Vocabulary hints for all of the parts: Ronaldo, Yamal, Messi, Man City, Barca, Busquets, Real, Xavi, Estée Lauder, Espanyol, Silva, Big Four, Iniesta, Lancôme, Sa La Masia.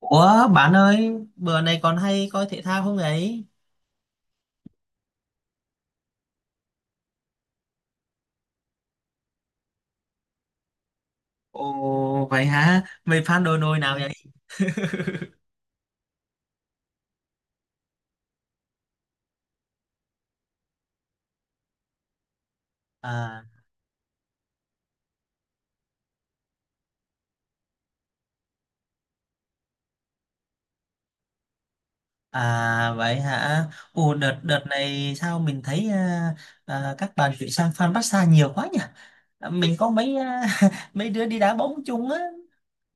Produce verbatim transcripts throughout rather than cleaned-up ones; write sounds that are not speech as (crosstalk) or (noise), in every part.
Ủa bạn ơi, bữa này còn hay coi thể thao không ấy? Ồ vậy hả? Mày fan đội nồi nào vậy? À à vậy hả? Ồ đợt đợt này sao mình thấy à, à, các bạn chuyển sang fan Barca nhiều quá nhỉ? À, Mình có mấy à, (laughs) mấy đứa đi đá bóng chung á,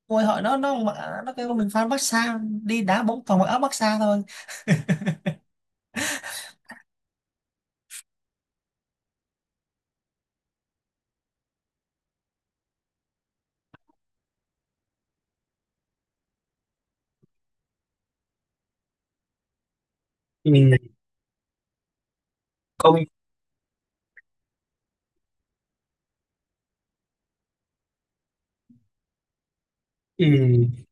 ngồi hỏi nó nó mặc- nó kêu mình fan Barca đi đá bóng toàn mặc áo Barca thôi. Ừ. Công ừ,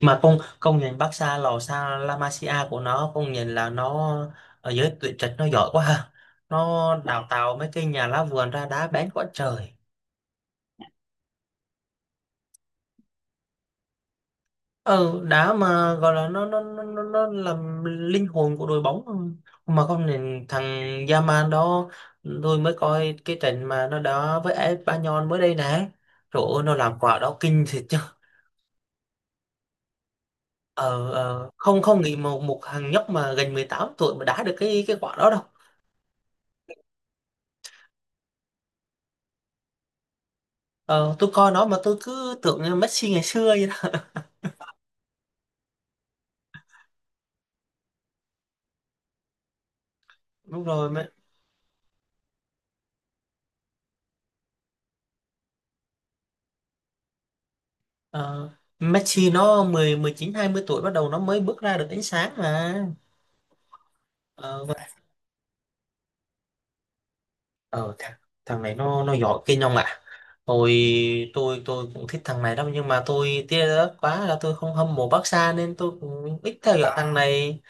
mà con công nhận Barca, lò Sa La Masia của nó, công nhận là nó ở giới tuyển trạch nó giỏi quá ha, nó đào tạo mấy cái nhà lá vườn ra đá bén quá trời. Ừ, đá mà gọi là nó nó nó nó, nó làm linh hồn của đội bóng, mà công nhận thằng Yamal đó, tôi mới coi cái trận mà nó đá với Espanyol mới đây nè. Trời ơi, nó làm quả đó kinh thiệt chứ. ờ, ờ, không không nghĩ một một thằng nhóc mà gần mười tám tuổi mà đá được cái cái quả đó đâu. Ờ, tôi coi nó mà tôi cứ tưởng như Messi ngày xưa vậy đó. Đúng rồi. Mà, ờ, Messi nó mười, mười chín hai mươi tuổi bắt đầu nó mới bước ra được ánh sáng mà. Ờ, vậy- ờ thằng, thằng này nó nó giỏi kinh không ạ? Tôi tôi tôi cũng thích thằng này đâu, nhưng mà tôi tiếc đó quá là tôi không hâm mộ Barca nên tôi cũng ít theo dõi thằng này.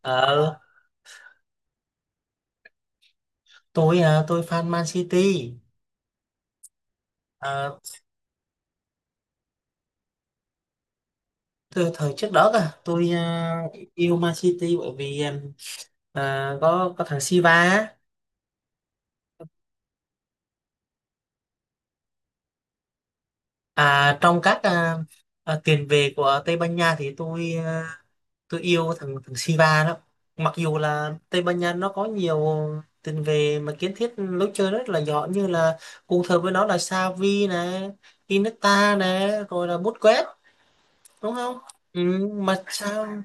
Ờ, tôi à, tôi fan Man City. Ờ, từ thời trước đó cả tôi à, yêu Man City bởi vì à, có có thằng Silva á. À, trong các à, à, tiền vệ của Tây Ban Nha thì tôi à, tôi yêu thằng thằng Silva đó. Mặc dù là Tây Ban Nha nó có nhiều tiền vệ mà kiến thiết lối chơi rất là giỏi, như là cùng thời với nó là Xavi này, Iniesta này, rồi là Busquets, đúng không? Ừ, mà sao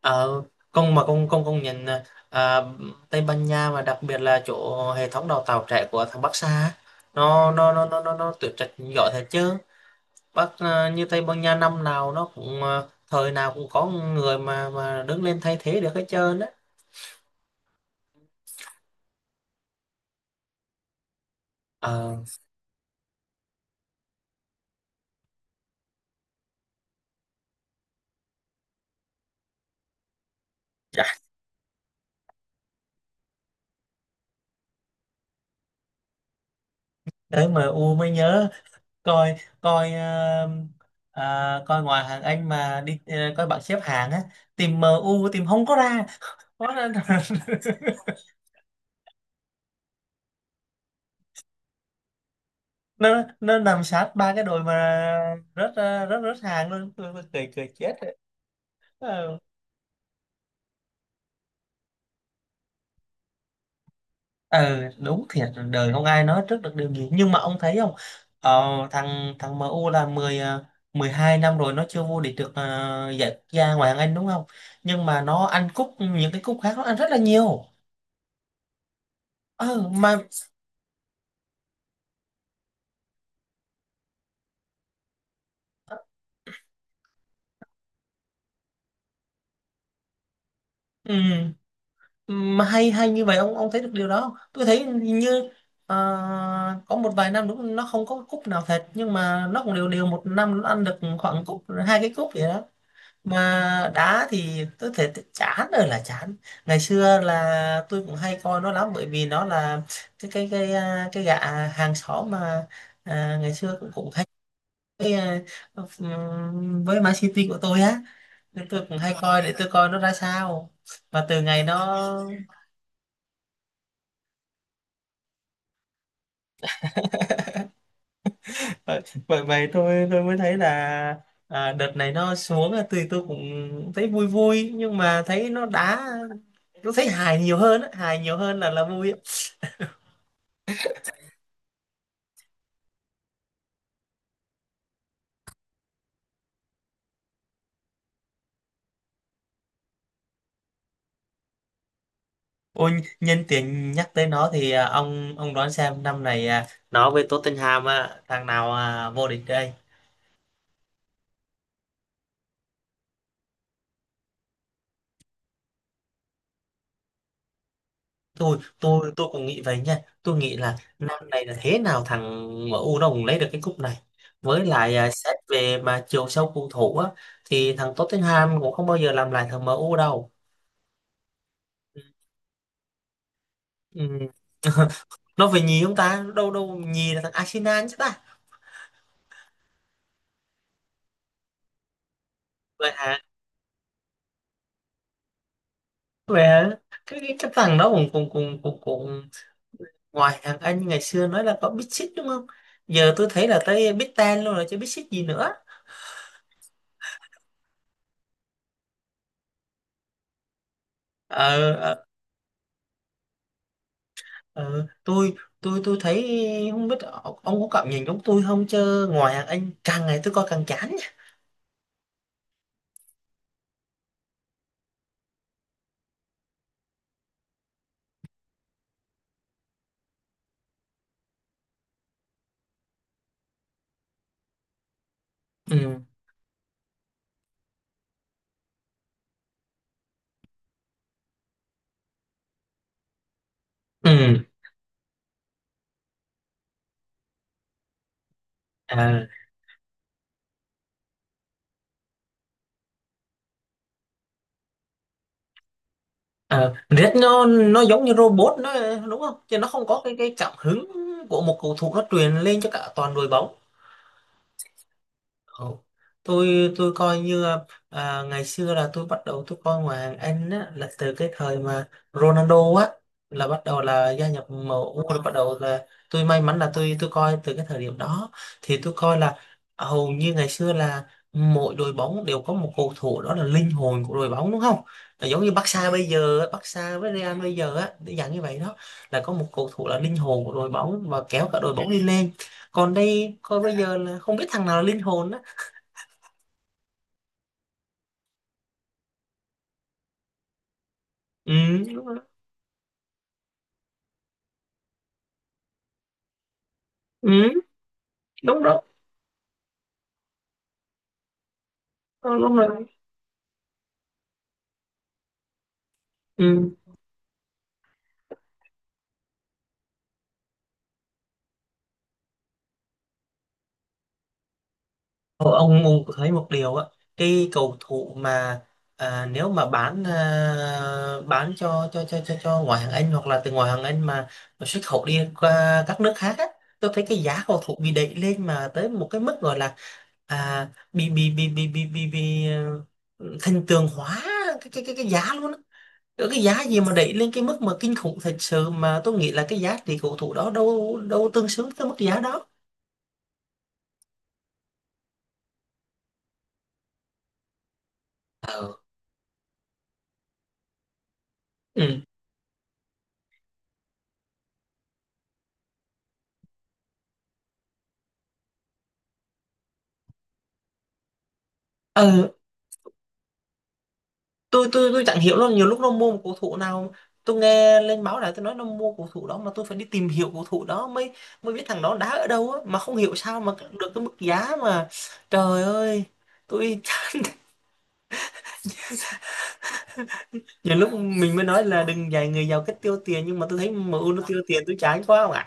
ở công mà công công công nhận là, à, Tây Ban Nha mà đặc biệt là chỗ hệ thống đào tạo trẻ của thằng Barca á, nó nó nó nó nó, nó tuyển trạch giỏi thật chứ. Bắc ờ, như Tây Ban Nha năm nào nó cũng ờ, thời nào cũng có người mà mà đứng lên thay thế được hết trơn á. Ờ, đấy mà U mới nhớ coi coi ờ, à, coi ngoài hàng Anh mà đi ờ, coi bảng xếp hạng á, tìm em u tìm không có ra. nó, nó, (laughs) nó nó nằm sát ba cái đội mà rất rất rất hàng luôn. Tôi cười cười chết. Ờ, ừ đúng thiệt, đời không ai nói trước được điều gì, nhưng mà ông thấy không, ờ, thằng thằng em iu là mười ờ, mười hai năm rồi nó chưa vô địch được ờ, giải quốc gia ngoại hạng Anh đúng không, nhưng mà nó ăn cúp, những cái cúp khác nó ăn rất là nhiều. Ừ, mà ừ, mà hay hay như vậy ông ông thấy được điều đó không? Tôi thấy hình như ờ, có một vài năm đúng nó không có cúp nào thật, nhưng mà nó cũng đều đều một năm nó ăn được khoảng cúp, hai cái cúp vậy đó. Mà đá thì tôi thấy t- chán rồi là chán. Ngày xưa là tôi cũng hay coi nó lắm bởi vì nó là cái cái cái à, cái gã hàng xóm mà, à, ngày xưa cũng cũng hay với, à, ừm, với Man City của tôi á, nên tôi cũng hay coi để tôi coi nó ra sao. Mà từ ngày nó vậy vậy vậy tôi tôi mới thấy là à, đợt này nó xuống là tôi tôi cũng thấy vui vui, nhưng mà thấy nó đá tôi thấy hài nhiều hơn á, hài nhiều hơn là là vui á. Ôi, nhân tiện nhắc tới nó thì à, ông ông đoán xem năm này à, nó với Tottenham á, thằng nào à, vô địch đây? Tôi tôi tôi cũng nghĩ vậy nha. Tôi nghĩ là năm này là thế nào thằng em u nó cũng lấy được cái cúp này. Với lại à, xét về mà chiều sâu cầu thủ á thì thằng Tottenham cũng không bao giờ làm lại thằng em u đâu. Ừ. Nó về nhì không ta? Đâu đâu, nhì là thằng Arsenal chứ ta. Vậy hả? Vậy hả? Cái cái, cái thằng đó cũng cũng cũng cũng cũng ngoài hàng Anh ngày xưa nói là có Big Six đúng không, giờ tôi thấy là tới Big Ten luôn rồi chứ Big Six gì nữa. Ờ, ờ, ờ, tôi tôi tôi thấy không biết ông có cảm nhận giống tôi không, chứ ngoài hàng Anh càng ngày tôi coi càng chán nha. ừ ừ à, à, Red nó nó giống như robot nó, đúng không, chứ nó không có cái cái cảm hứng của một cầu thủ nó truyền lên cho cả toàn đội bóng. Ồ, tôi tôi coi như à, ngày xưa là tôi bắt đầu tôi coi ngoại hạng Anh á, là từ cái thời mà Ronaldo á là bắt đầu là gia nhập em U, rồi bắt đầu là tôi may mắn là tôi tôi coi từ cái thời điểm đó. Thì tôi coi là hầu như ngày xưa là mỗi đội bóng đều có một cầu thủ đó là linh hồn của đội bóng đúng không, là giống như Barca bây giờ á, Barca với Real bây giờ á để dạng như vậy đó, là có một cầu thủ là linh hồn của đội bóng và kéo cả đội bóng đi lên, còn đây coi bây giờ là không biết thằng nào là linh hồn á. Ừ, đúng rồi. Ừ, đúng đó. Ờ, đúng rồi, ừ. Ờ, ông ông thấy một điều á, cái cầu thủ mà à, nếu mà bán à, bán cho cho cho cho cho ngoại hạng Anh, hoặc là từ ngoại hạng Anh mà xuất khẩu đi qua các nước khác á, tôi thấy cái giá cầu thủ bị đẩy lên mà tới một cái mức gọi là à, bị bị bị bị bị bị, bị ờ, thần tượng hóa cái cái cái, cái giá luôn á. Ở cái giá gì mà đẩy lên cái mức mà kinh khủng thật sự, mà tôi nghĩ là cái giá trị cầu thủ đó đâu đâu tương xứng với mức giá đó. Ờ, ừ. ờ tôi tôi tôi chẳng hiểu luôn, nhiều lúc nó mua một cầu thủ nào tôi nghe lên báo đài tôi nói nó mua cầu thủ đó mà tôi phải đi tìm hiểu cầu thủ đó mới mới biết thằng đó đá ở đâu á, mà không hiểu sao mà được cái mức giá mà trời ơi, tôi chán. (laughs) Nhiều lúc mình mới nói là đừng dạy người giàu cách tiêu tiền, nhưng mà tôi thấy em iu nó tiêu tiền tôi chán quá không ạ.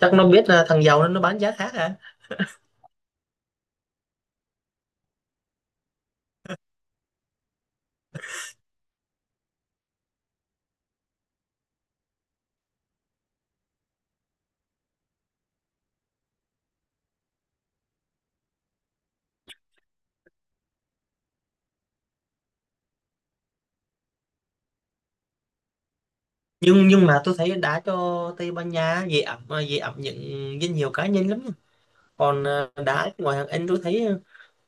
Chắc nó biết là thằng giàu nên nó bán giá khác à. nhưng nhưng mà tôi thấy đá cho Tây Ban Nha dễ ẩm ờ, dễ ẩm những danh hiệu cá nhân lắm. Còn ờ, đá ngoài hàng Anh tôi thấy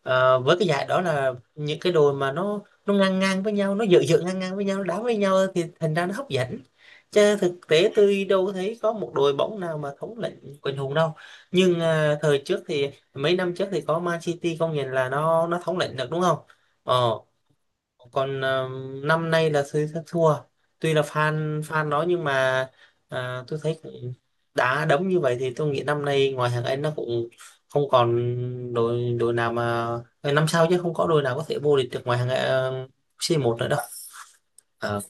ờ, với cái giải đó là những cái đội mà nó nó ngang ngang với nhau, nó dựa dựa ngang ngang với nhau nó đá với nhau thì thành ra nó hấp dẫn, chứ thực tế tôi đâu có thấy có một đội bóng nào mà thống lĩnh quần hùng đâu. Nhưng ờ, thời trước thì mấy năm trước thì có Man City, công nhận là nó nó thống lĩnh được đúng không. Ờ, còn ờ, năm nay là thấy thất thua, tuy là fan fan nó nhưng mà à, tôi thấy cũng đá đấm như vậy thì tôi nghĩ năm nay ngoài hàng Anh nó cũng không còn đội đội nào mà ờ, năm sau chứ không có đội nào có thể vô địch được ngoài hàng ờ, c một nữa đâu. Ờ,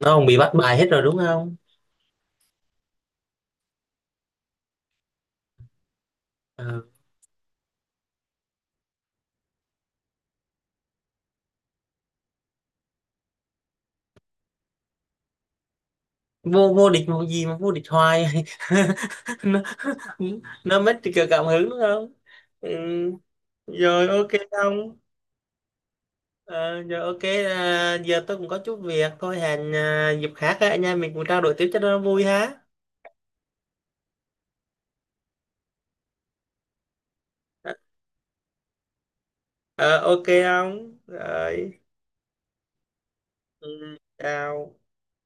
nó cũng bị bắt bài hết rồi đúng không. Ờ, vô vô địch một gì mà vô địch hoài. (laughs) nó nó mất cả cảm hứng đúng không. Ừ. Rồi ok không. Ờ, giờ ok à, giờ tôi cũng có chút việc thôi, hẹn à, dịp khác á, anh em mình cũng trao đổi tiếp cho nó vui ha. Ờ ờ, ok không? Rồi. Ừ, chào.